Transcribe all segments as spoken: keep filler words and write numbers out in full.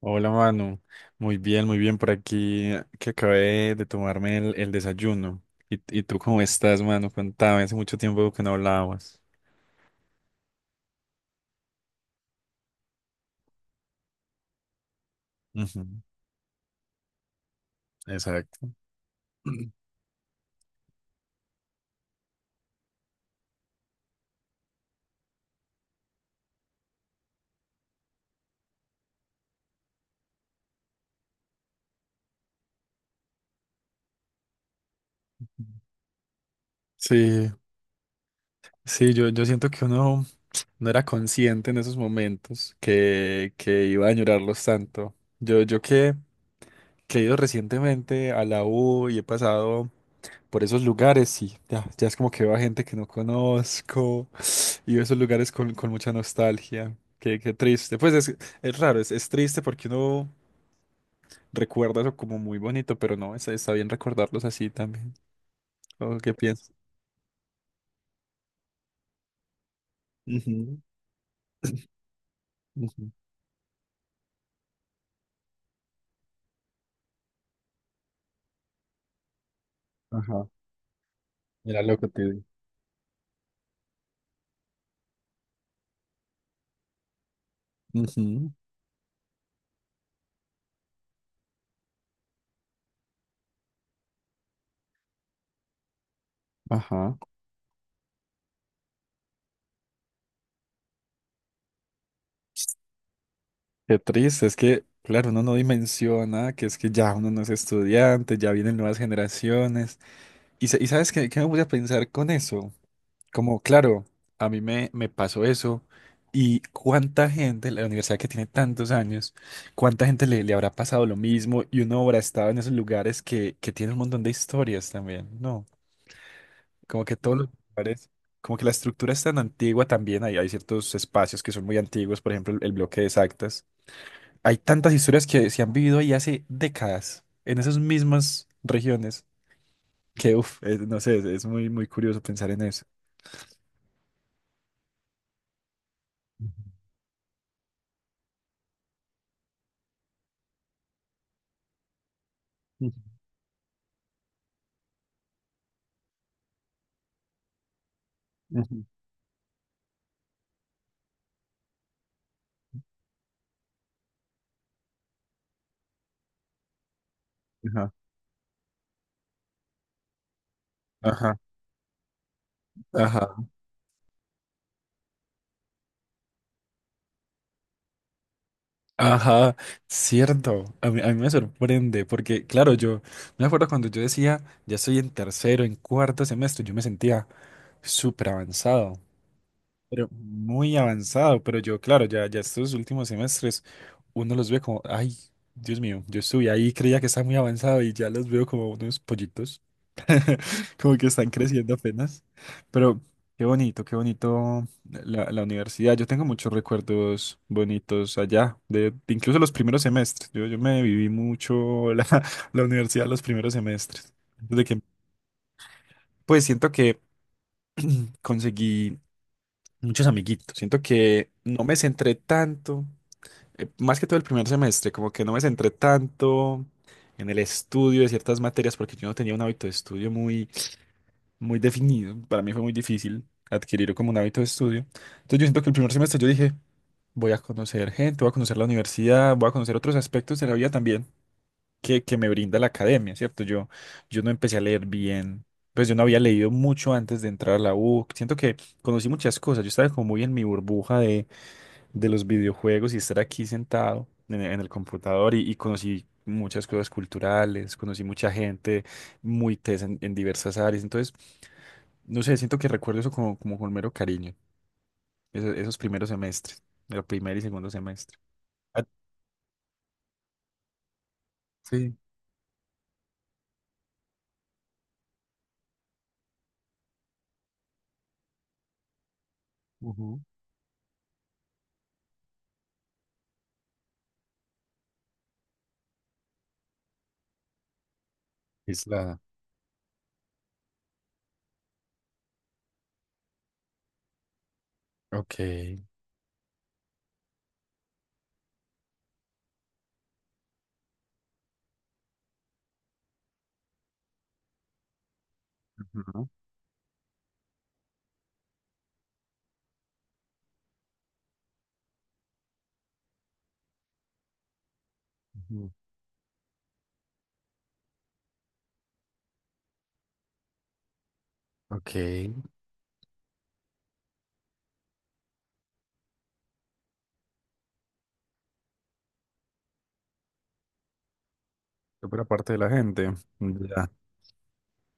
Hola Manu, muy bien, muy bien por aquí, que acabé de tomarme el, el desayuno. ¿Y, y tú cómo estás, Manu? Contame, hace mucho tiempo que no hablábamos. Ujú. Exacto. Sí, sí, yo, yo siento que uno no era consciente en esos momentos que, que iba a añorarlos tanto. Yo, yo que que he ido recientemente a la U y he pasado por esos lugares y ya, ya es como que veo a gente que no conozco y veo esos lugares con, con mucha nostalgia. Qué, qué triste. Pues es, es raro, es, es triste porque uno recuerda eso como muy bonito, pero no, es- está bien recordarlos así también. ¿O qué piensas? Ujú. Ujú. Ajá. Era lo que te digo. Ujú. Ajá. Qué triste, es que, claro, uno no dimensiona que es que ya uno no es estudiante, ya vienen nuevas generaciones. Y, sa- y sabes qué, qué me voy a pensar con eso. Como, claro, a mí me, me pasó eso. Y cuánta gente, la universidad que tiene tantos años, cuánta gente le, le habrá pasado lo mismo y uno habrá estado en esos lugares que, que tiene un montón de historias también, ¿no? Como que todos los lugares, como que la estructura es tan antigua también, hay, hay ciertos espacios que son muy antiguos, por ejemplo, el, el bloque de exactas. Hay tantas historias que se han vivido ahí hace décadas, en esas mismas regiones, que, uff, no sé, es es muy, muy curioso pensar en eso. Ujú. Ujú. Ajá, ajá, ajá, ajá, cierto. A mí, a mí me sorprende porque, claro, yo me acuerdo cuando yo decía, ya estoy en tercero, en cuarto semestre, yo me sentía súper avanzado. Pero muy avanzado, pero yo, claro, ya, ya estos últimos semestres, uno los ve como, ay, Dios mío, yo estuve ahí, creía que estaba muy avanzado y ya los veo como unos pollitos, como que están creciendo apenas. Pero qué bonito, qué bonito la, la universidad. Yo tengo muchos recuerdos bonitos allá, de, de incluso los primeros semestres. Yo, yo me viví mucho la, la universidad los primeros semestres. Desde que, pues siento que conseguí muchos amiguitos. Siento que no me centré tanto, eh, más que todo el primer semestre, como que no me centré tanto en el estudio de ciertas materias porque yo no tenía un hábito de estudio muy, muy definido. Para mí fue muy difícil adquirir como un hábito de estudio. Entonces yo siento que el primer semestre yo dije, voy a conocer gente, voy a conocer la universidad, voy a conocer otros aspectos de la vida también que, que me brinda la academia, ¿cierto? Yo, yo no empecé a leer bien, pues yo no había leído mucho antes de entrar a la U. Siento que conocí muchas cosas, yo estaba como muy en mi burbuja de, de los videojuegos y estar aquí sentado en, en el computador y, y conocí muchas cosas culturales, conocí mucha gente muy tesa en, en diversas áreas, entonces, no sé, siento que recuerdo eso como, como con mero cariño, eso- esos primeros semestres, el primer y segundo semestre. Ah, sí. Ujú. Es la... Ok. Ujú. Ujú. Ok, por parte de la gente. Ya,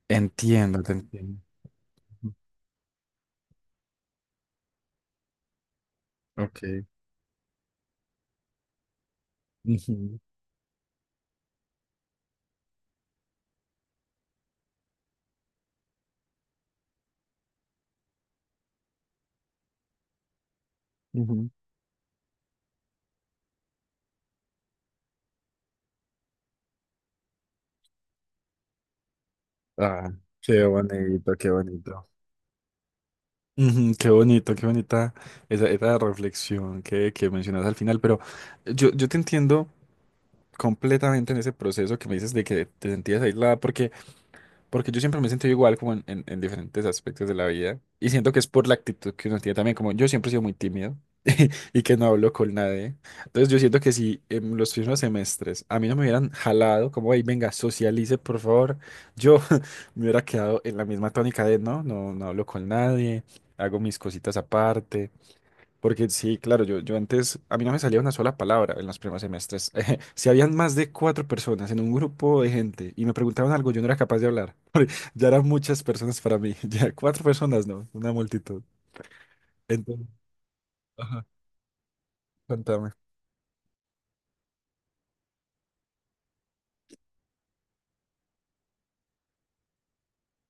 entiendo, te entiendo. Ok. Ujú. Ujú. Ah, qué bonito, qué bonito. Ujú, qué bonito, qué bonita esa, esa reflexión que, que mencionas al final, pero yo, yo te entiendo completamente en ese proceso que me dices de que te sentías aislada, porque porque yo siempre me he sentido igual como en, en- en diferentes aspectos de la vida. Y siento que es por la actitud que uno tiene también. Como yo siempre he sido muy tímido y que no hablo con nadie. Entonces yo siento que si en los primeros semestres a mí no me hubieran jalado, como, ahí venga, socialice, por favor. Yo me hubiera quedado en la misma tónica de, no, no, no hablo con nadie, hago mis cositas aparte. Porque sí, claro, yo, yo antes, a mí no me salía una sola palabra en los primeros semestres. Si habían más de cuatro personas en un grupo de gente y me preguntaban algo, yo no era capaz de hablar. Porque ya eran muchas personas para mí. Ya cuatro personas, no, una multitud. Entonces, ajá, contame.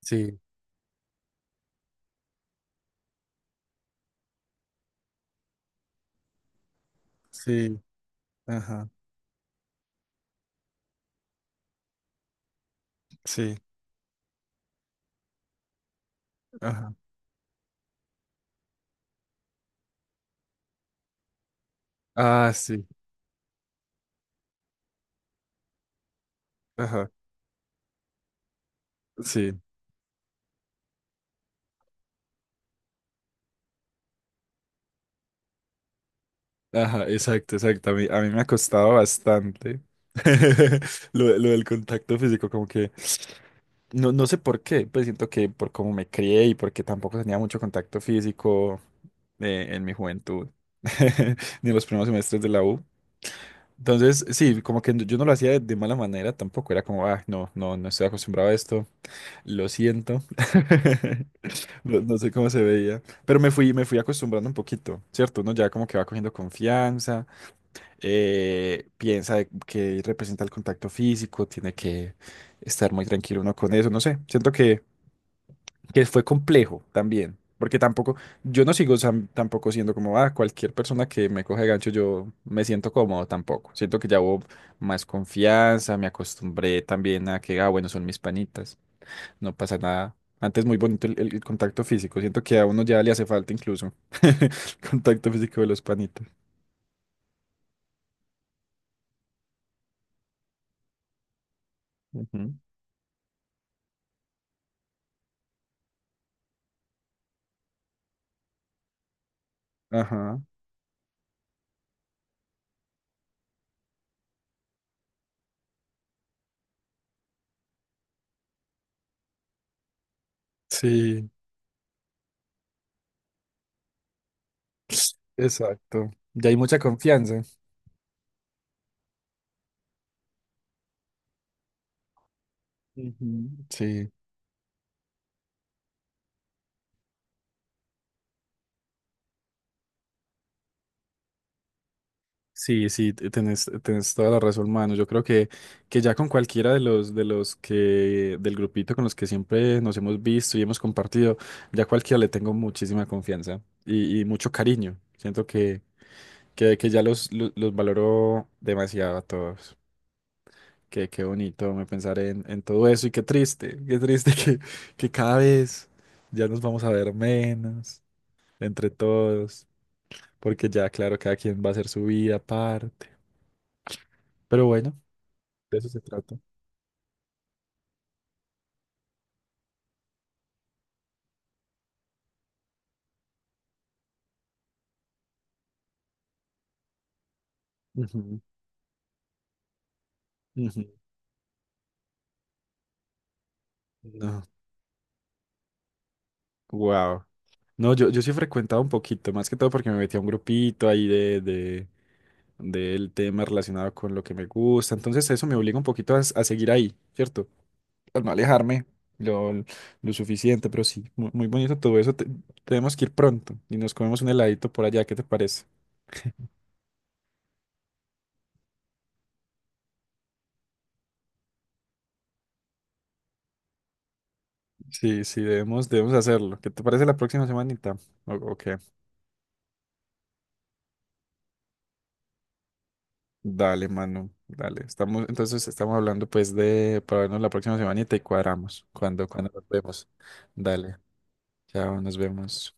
Sí, sí, ajá, sí, ajá. Ah, sí, ajá, sí, ajá, exacto, exacto. A mí, a mí me ha costado bastante lo, lo del contacto físico, como que... No, no sé por qué, pues siento que por cómo me crié y porque tampoco tenía mucho contacto físico eh, en mi juventud, ni en los primeros semestres de la U. Entonces, sí, como que yo no lo hacía de, de mala manera, tampoco era como, ah, no, no, no estoy acostumbrado a esto, lo siento. No, no sé cómo se veía, pero me fui, me fui acostumbrando un poquito, ¿cierto? Uno ya como que va cogiendo confianza, eh, piensa de que representa el contacto físico, tiene que estar muy tranquilo uno con eso, no sé, siento que que fue complejo también, porque tampoco, yo no sigo sam- tampoco siendo como, ah, cualquier persona que me coge de gancho, yo me siento cómodo tampoco. Siento que ya hubo más confianza, me acostumbré también a que, ah, bueno, son mis panitas, no pasa nada. Antes muy bonito el, el- el contacto físico, siento que a uno ya le hace falta incluso el contacto físico de los panitas. Ujú. Ajá, sí, exacto. Ya hay mucha confianza. Ujú. Sí. Sí, sí, te- tenés, tenés toda la razón, mano. Yo creo que, que ya con cualquiera de los, de los que, del grupito con los que siempre nos hemos visto y hemos compartido, ya cualquiera le tengo muchísima confianza y, y mucho cariño. Siento que, que, que ya los, los, los valoro demasiado a todos. Qué, qué bonito me pensar en, en todo eso y qué triste, qué triste que, que cada vez ya nos vamos a ver menos entre todos, porque ya, claro, cada quien va a hacer su vida aparte. Pero bueno. De eso se trata. Ujú. Ujú. No, wow. No, yo, yo sí he frecuentado un poquito, más que todo porque me metí a un grupito ahí de, de, del tema relacionado con lo que me gusta. Entonces eso me obliga un poquito a, a seguir ahí, ¿cierto? A no alejarme lo, lo suficiente, pero sí, muy, muy bonito todo eso. Te- tenemos que ir pronto y nos comemos un heladito por allá, ¿qué te parece? Sí, sí, debemos, debemos hacerlo. ¿Qué te parece la próxima semanita? O- Ok. Dale, mano, dale. Estamos, entonces estamos hablando pues de para vernos la próxima semana y te cuadramos cuando, cuando nos vemos. Dale, chao, nos vemos.